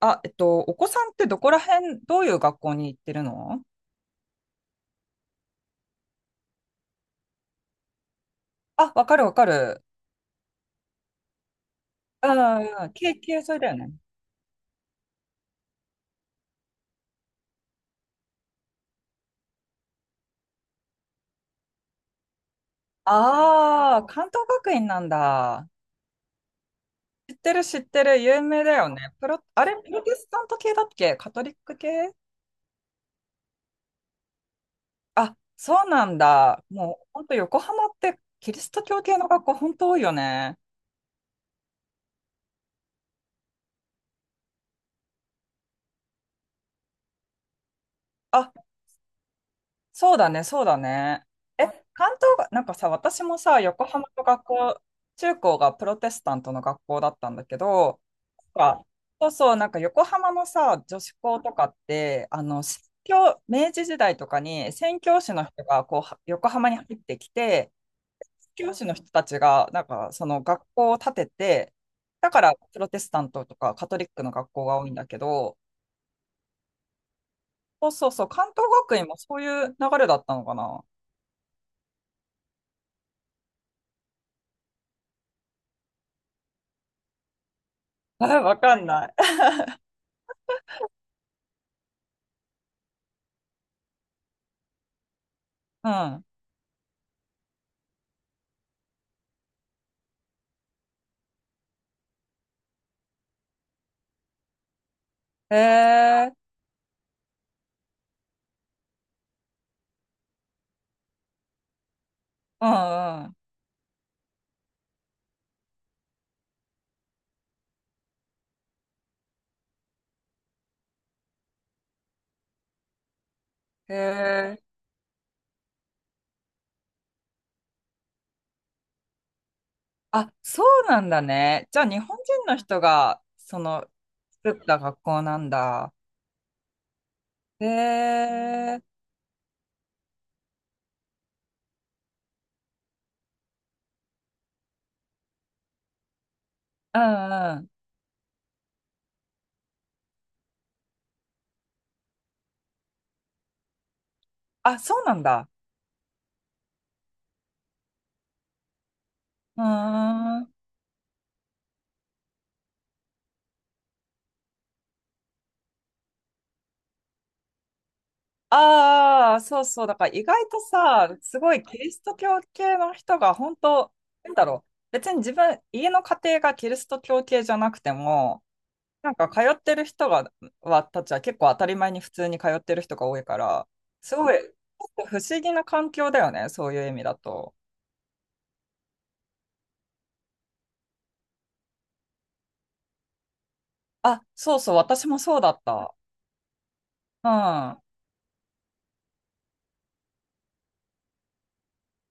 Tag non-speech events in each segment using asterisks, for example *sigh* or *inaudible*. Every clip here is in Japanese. お子さんってどこら辺、どういう学校に行ってるの？あ、わかるわかる。うん、経験それだよね。ああ、関東学院なんだ。知ってる知ってる、有名だよね。プロ、あれ、プロテスタント系だっけカトリック系？あ、そうなんだ。もう、ほんと横浜ってキリスト教系の学校ほんと多いよね。あ、そうだね、そうだね。え、関東が、なんかさ、私もさ、横浜の学校、中高がプロテスタントの学校だったんだけど、か、そうそう、なんか横浜のさ、女子校とかって、宣教、明治時代とかに宣教師の人がこうは横浜に入ってきて、宣教師の人たちが、なんかその学校を建てて、だからプロテスタントとかカトリックの学校が多いんだけど、そうそうそう、関東学院もそういう流れだったのかな。*laughs* あわかんない。うん。へえ、うんうん。へえ。あ、そうなんだね。じゃあ日本人の人が、その作った学校なんだ。へえ、うんうん。あ、そうなんだ。うーん。ああ、そうそう。だから意外とさ、すごいキリスト教系の人が本当、なんだろう。別に自分、家の家庭がキリスト教系じゃなくても、なんか通ってる人が、は、たちは結構当たり前に普通に通ってる人が多いから、すごい、ちょっと不思議な環境だよね。そういう意味だと。あ、そうそう。私もそうだった。うん。う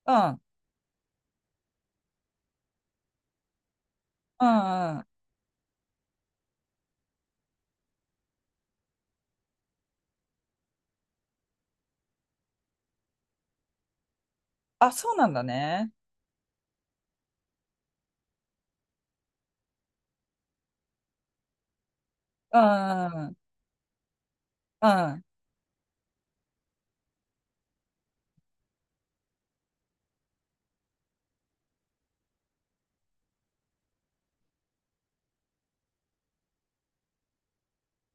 ん。うんうん、あ、そうなんだね。うん、うん、うん。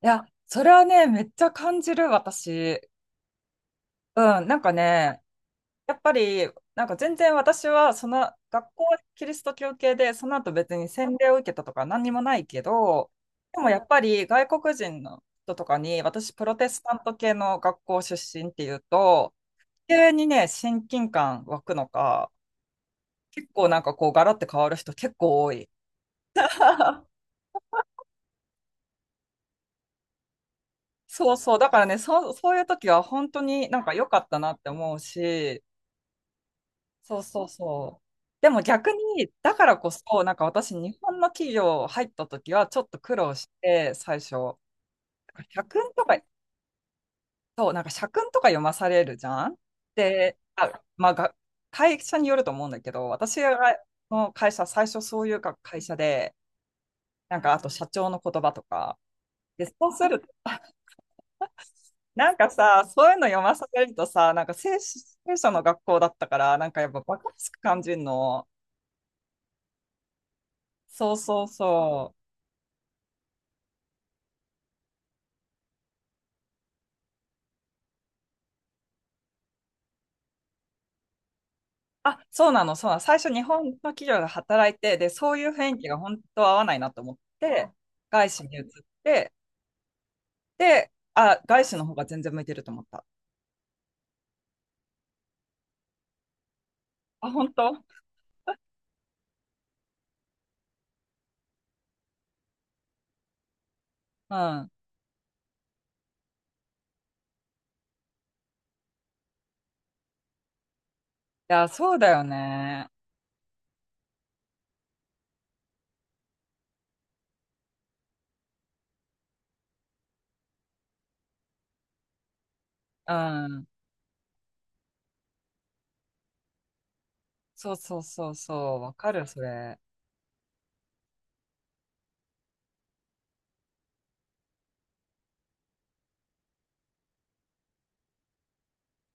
いや、それはね、めっちゃ感じる、私。うん、なんかね、やっぱり、なんか全然私は、その、学校はキリスト教系で、その後別に洗礼を受けたとか何にもないけど、でもやっぱり外国人の人とかに、私、プロテスタント系の学校出身っていうと、急にね、親近感湧くのか、結構なんかこう、ガラッて変わる人結構多い。*laughs* そうそう。だからね、そう、そういう時は本当になんか良かったなって思うし、そうそうそう。でも逆に、だからこそ、なんか私、日本の企業入った時はちょっと苦労して、最初。なんか社訓とか、そう、なんか社訓とか読まされるじゃん。で、あ、まあ、が会社によると思うんだけど、私の会社、最初そういうか会社で、なんかあと社長の言葉とか、で、そうするなんかさ、そういうの読まされるとさ、聖書の学校だったから、なんかやっぱバカらしく感じるの。そうそうそう。あ、そうなの、そうなの。最初日本の企業で働いて、で、そういう雰囲気が本当合わないなと思って、外資に移って、で、あ、外資の方が全然向いてると思った。あ、本当？うん。いや、そうだよね。うん。そうそうそうそう。わかる、それ。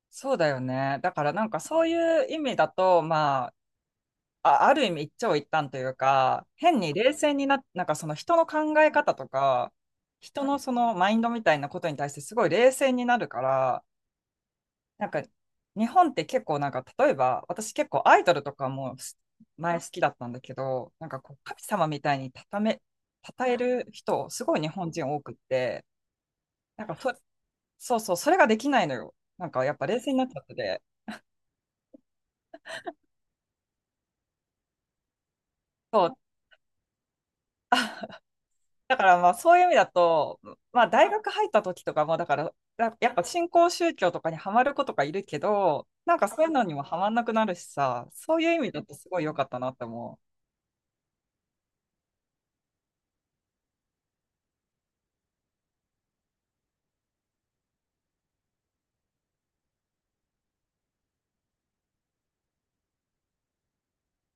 そうだよね。だからなんかそういう意味だと、まあ、あ、ある意味一長一短というか、変に冷静にな、なんかその人の考え方とか、人のそのマインドみたいなことに対してすごい冷静になるから、なんか日本って結構なんか例えば私結構アイドルとかも前好きだったんだけど、なんかこう神様みたいにため、称える人、すごい日本人多くって、なんかそ、そうそう、それができないのよ。なんかやっぱ冷静になっちゃってて。そう、だからまあそういう意味だと、まあ大学入った時とかも、だからだやっぱ新興宗教とかにはまる子とかいるけど、なんかそういうのにもはまんなくなるしさ、そういう意味だとすごい良かったなって思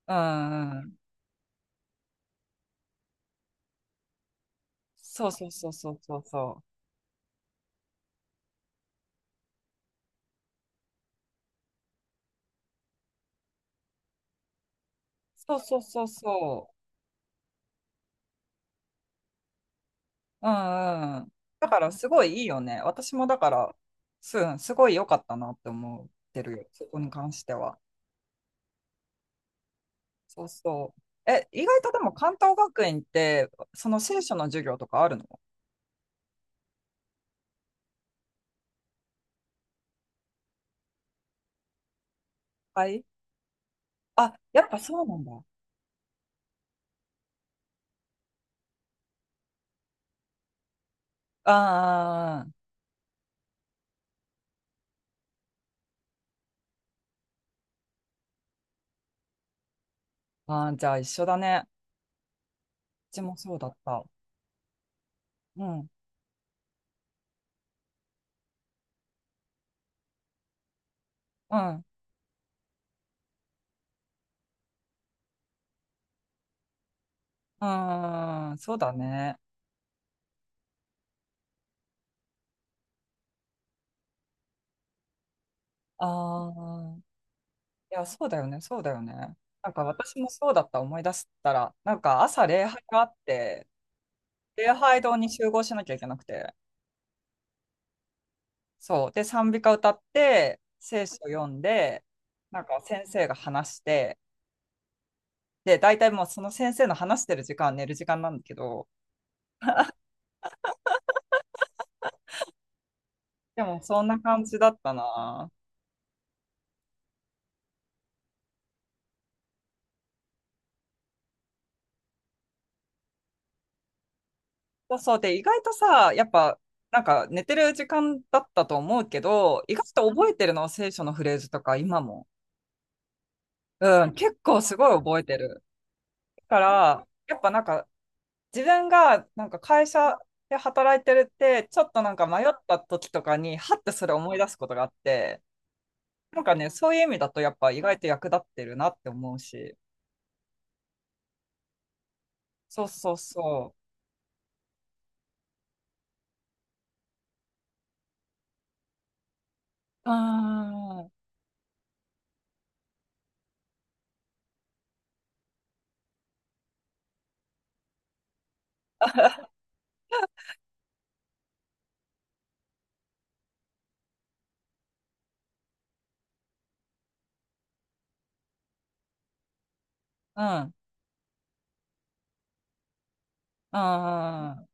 う。うんうん。そうそうそうそうそうそう。そうそうそうそう。うんうん。だからすごいいいよね。私もだから、す、うんすごい良かったなって思ってるよ。そこに関しては。そうそう。え、意外とでも関東学院って、その聖書の授業とかあるの？はい。あ、やっぱそうなんだ。あーあー、あじゃあ一緒だね。うちもそうだった。うん、うん、うーん、そうだね。ああ、いや、そうだよね、そうだよね。なんか私もそうだった、思い出したら、なんか朝礼拝があって、礼拝堂に集合しなきゃいけなくて、そう。で、賛美歌歌って、聖書読んで、なんか先生が話して、で、大体もうその先生の話してる時間は寝る時間なんだけど、でもそんな感じだったな。そうそうで、意外とさ、やっぱ、なんか寝てる時間だったと思うけど、意外と覚えてるの、聖書のフレーズとか、今も。うん、結構すごい覚えてる。だから、やっぱなんか、自分がなんか会社で働いてるって、ちょっとなんか迷った時とかに、はってそれ思い出すことがあって、なんかね、そういう意味だと、やっぱ意外と役立ってるなって思うし。そうそうそう。うー *laughs* ん、うん、うん。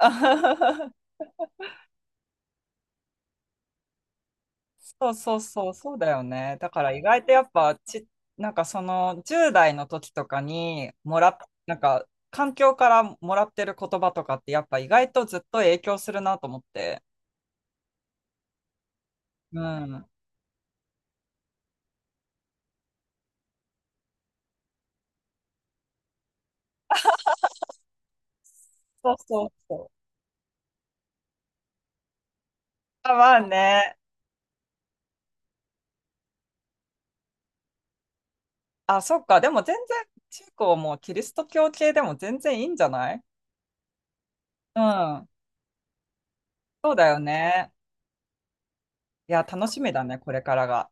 *laughs* そうそうそう、そうだよね。だから意外とやっぱち、なんかその10代の時とかにもらっ、なんか環境からもらってる言葉とかってやっぱ意外とずっと影響するなと思って。うん。そうそうそう。あ、まあね。あ、そっか。でも全然中高もキリスト教系でも全然いいんじゃない？うん。そうだよね。いや、楽しみだね、これからが。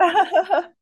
*laughs*